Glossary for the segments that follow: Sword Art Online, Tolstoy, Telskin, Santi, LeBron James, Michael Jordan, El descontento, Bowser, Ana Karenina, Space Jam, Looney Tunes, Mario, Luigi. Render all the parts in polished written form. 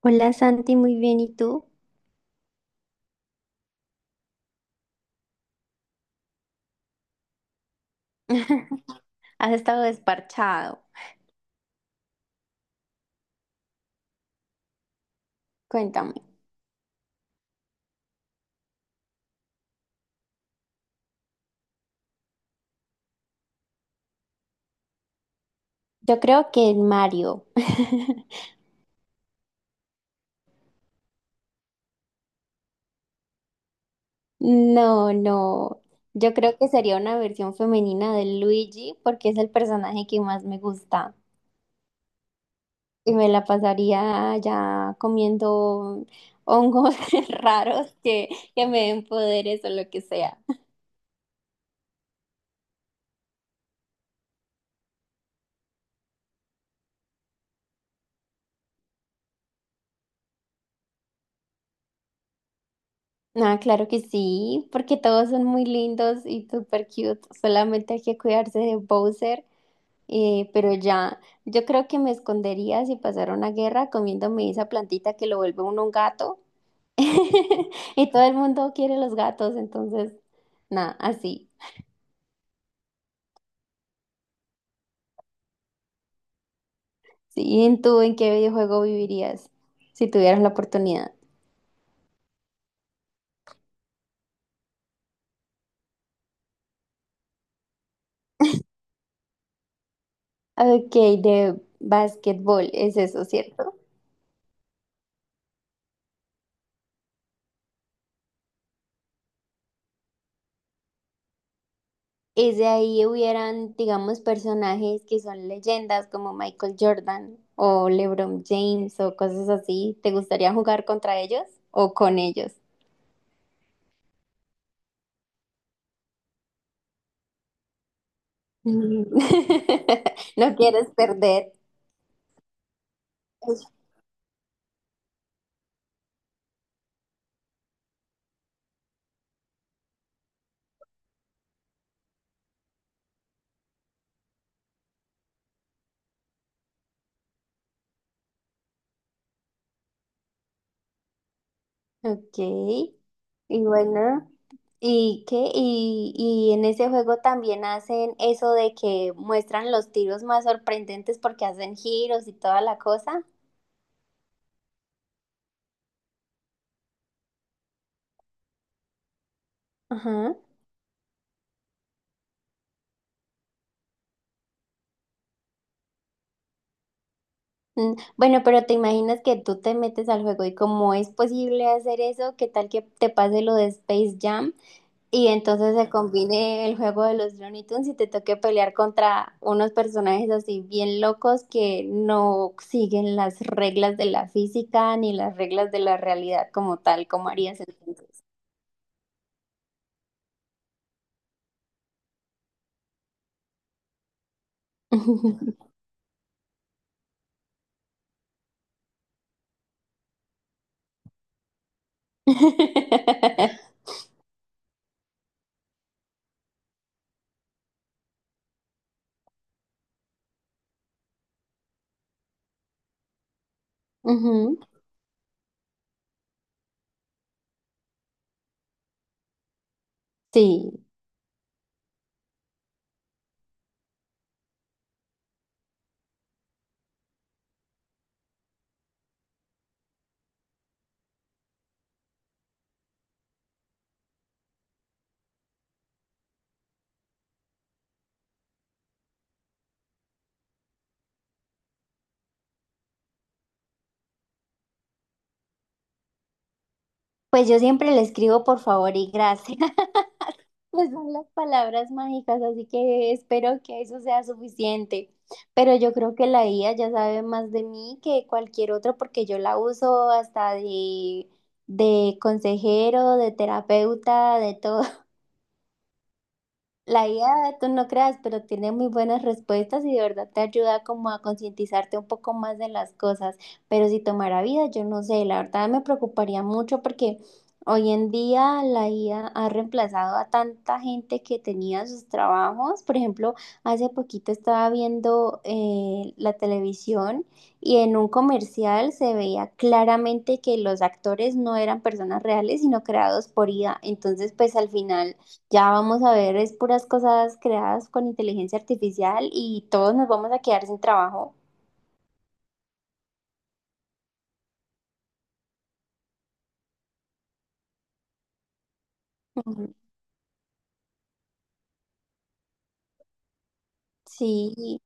Hola Santi, muy bien, ¿y tú? Has estado desparchado. Cuéntame. Yo creo que el Mario. No. Yo creo que sería una versión femenina de Luigi porque es el personaje que más me gusta. Y me la pasaría ya comiendo hongos raros que me den poderes o lo que sea. Ah, claro que sí, porque todos son muy lindos y super cute. Solamente hay que cuidarse de Bowser. Pero ya, yo creo que me escondería si pasara una guerra comiéndome esa plantita que lo vuelve uno un gato. Y todo el mundo quiere los gatos, entonces, nada, así. Sí, ¿y en tú en qué videojuego vivirías si tuvieras la oportunidad? Ok, de básquetbol, es eso, ¿cierto? Es de ahí hubieran, digamos, personajes que son leyendas como Michael Jordan o LeBron James o cosas así. ¿Te gustaría jugar contra ellos o con ellos? Mm. No quieres perder. Ok. Y bueno, ¿y qué? En ese juego también hacen eso de que muestran los tiros más sorprendentes porque hacen giros y toda la cosa. Ajá. Mm, bueno, pero te imaginas que tú te metes al juego y como es posible hacer eso, ¿qué tal que te pase lo de Space Jam? Y entonces se combine el juego de los Looney Tunes y te toque pelear contra unos personajes así bien locos que no siguen las reglas de la física ni las reglas de la realidad como tal, como harías entonces. Ujú. Sí, pues yo siempre le escribo por favor y gracias. Pues son las palabras mágicas, así que espero que eso sea suficiente. Pero yo creo que la IA ya sabe más de mí que cualquier otro porque yo la uso hasta de consejero, de terapeuta, de todo. La IA, tú no creas, pero tiene muy buenas respuestas y de verdad te ayuda como a concientizarte un poco más de las cosas. Pero si tomara vida, yo no sé, la verdad me preocuparía mucho porque hoy en día la IA ha reemplazado a tanta gente que tenía sus trabajos. Por ejemplo, hace poquito estaba viendo la televisión y en un comercial se veía claramente que los actores no eran personas reales, sino creados por IA. Entonces, pues al final ya vamos a ver, es puras cosas creadas con inteligencia artificial y todos nos vamos a quedar sin trabajo. Ujú. Sí,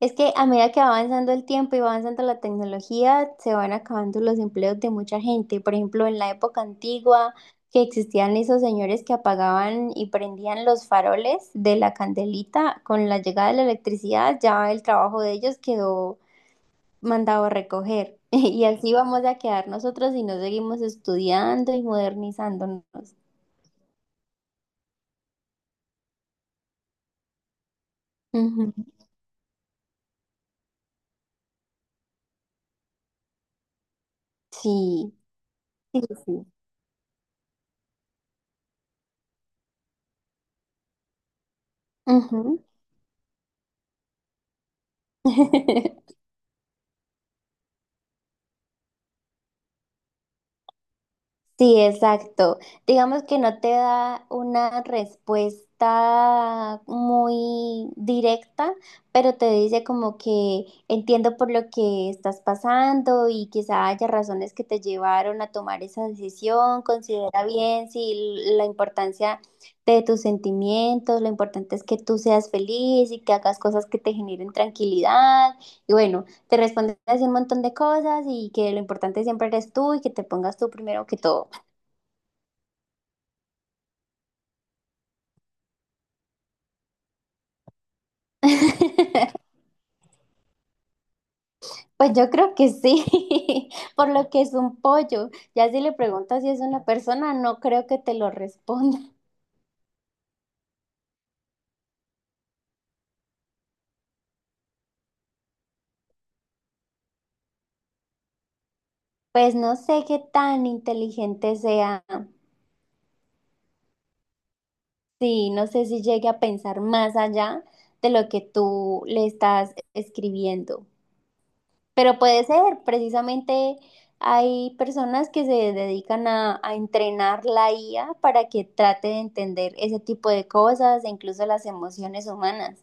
es que a medida que va avanzando el tiempo y va avanzando la tecnología, se van acabando los empleos de mucha gente. Por ejemplo, en la época antigua, que existían esos señores que apagaban y prendían los faroles de la candelita, con la llegada de la electricidad, ya el trabajo de ellos quedó mandado recoger. Y así vamos a quedar nosotros si no seguimos estudiando y modernizándonos. Ujú. Sí, sí. Ujú. Sí, exacto. Digamos que no te da una respuesta muy directa, pero te dice como que entiendo por lo que estás pasando y quizá haya razones que te llevaron a tomar esa decisión. Considera bien si la importancia de tus sentimientos, lo importante es que tú seas feliz y que hagas cosas que te generen tranquilidad. Y bueno, te responde así un montón de cosas y que lo importante siempre eres tú y que te pongas tú primero que todo. Pues yo creo que sí, por lo que es un pollo. Ya si le preguntas si es una persona, no creo que te lo responda. Pues no sé qué tan inteligente sea. Sí, no sé si llegue a pensar más allá de lo que tú le estás escribiendo. Pero puede ser, precisamente hay personas que se dedican a entrenar la IA para que trate de entender ese tipo de cosas e incluso las emociones humanas.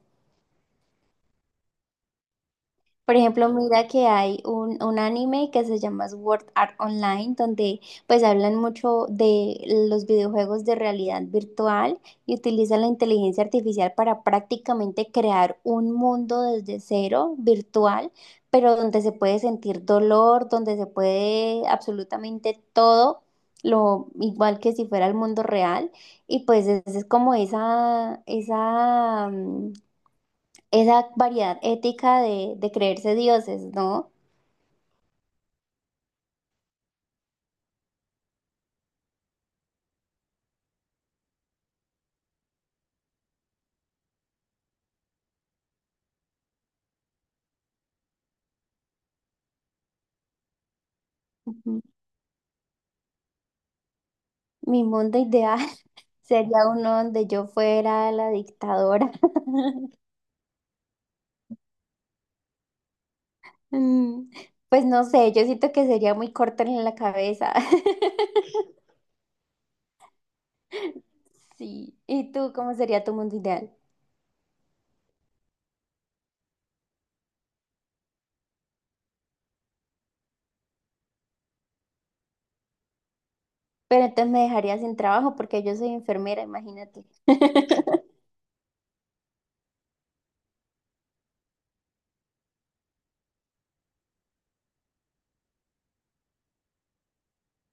Por ejemplo, mira que hay un anime que se llama Sword Art Online, donde pues hablan mucho de los videojuegos de realidad virtual y utilizan la inteligencia artificial para prácticamente crear un mundo desde cero virtual, pero donde se puede sentir dolor, donde se puede absolutamente todo, lo igual que si fuera el mundo real. Y pues es como esa variedad ética de creerse dioses, ¿no? Ujú. Mi mundo ideal sería uno donde yo fuera la dictadora. Mm, pues no sé, yo siento que sería muy corta en la cabeza. Sí. ¿Y tú cómo sería tu mundo ideal? Pero entonces me dejaría sin trabajo porque yo soy enfermera, imagínate.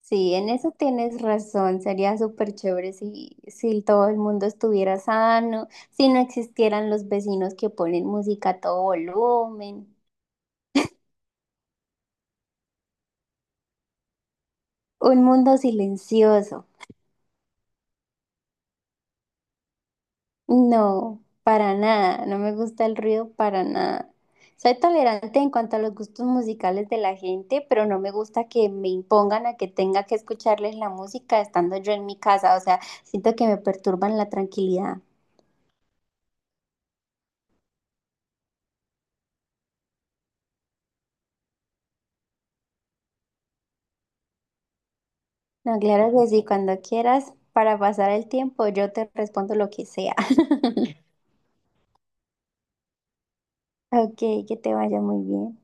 Sí, en eso tienes razón. Sería súper chévere si todo el mundo estuviera sano, si no existieran los vecinos que ponen música a todo volumen. Un mundo silencioso. No, para nada. No me gusta el ruido para nada. Soy tolerante en cuanto a los gustos musicales de la gente, pero no me gusta que me impongan a que tenga que escucharles la música estando yo en mi casa. O sea, siento que me perturban la tranquilidad. No, claro que sí, cuando quieras, para pasar el tiempo, yo te respondo lo que sea. Ok, que te vaya muy bien.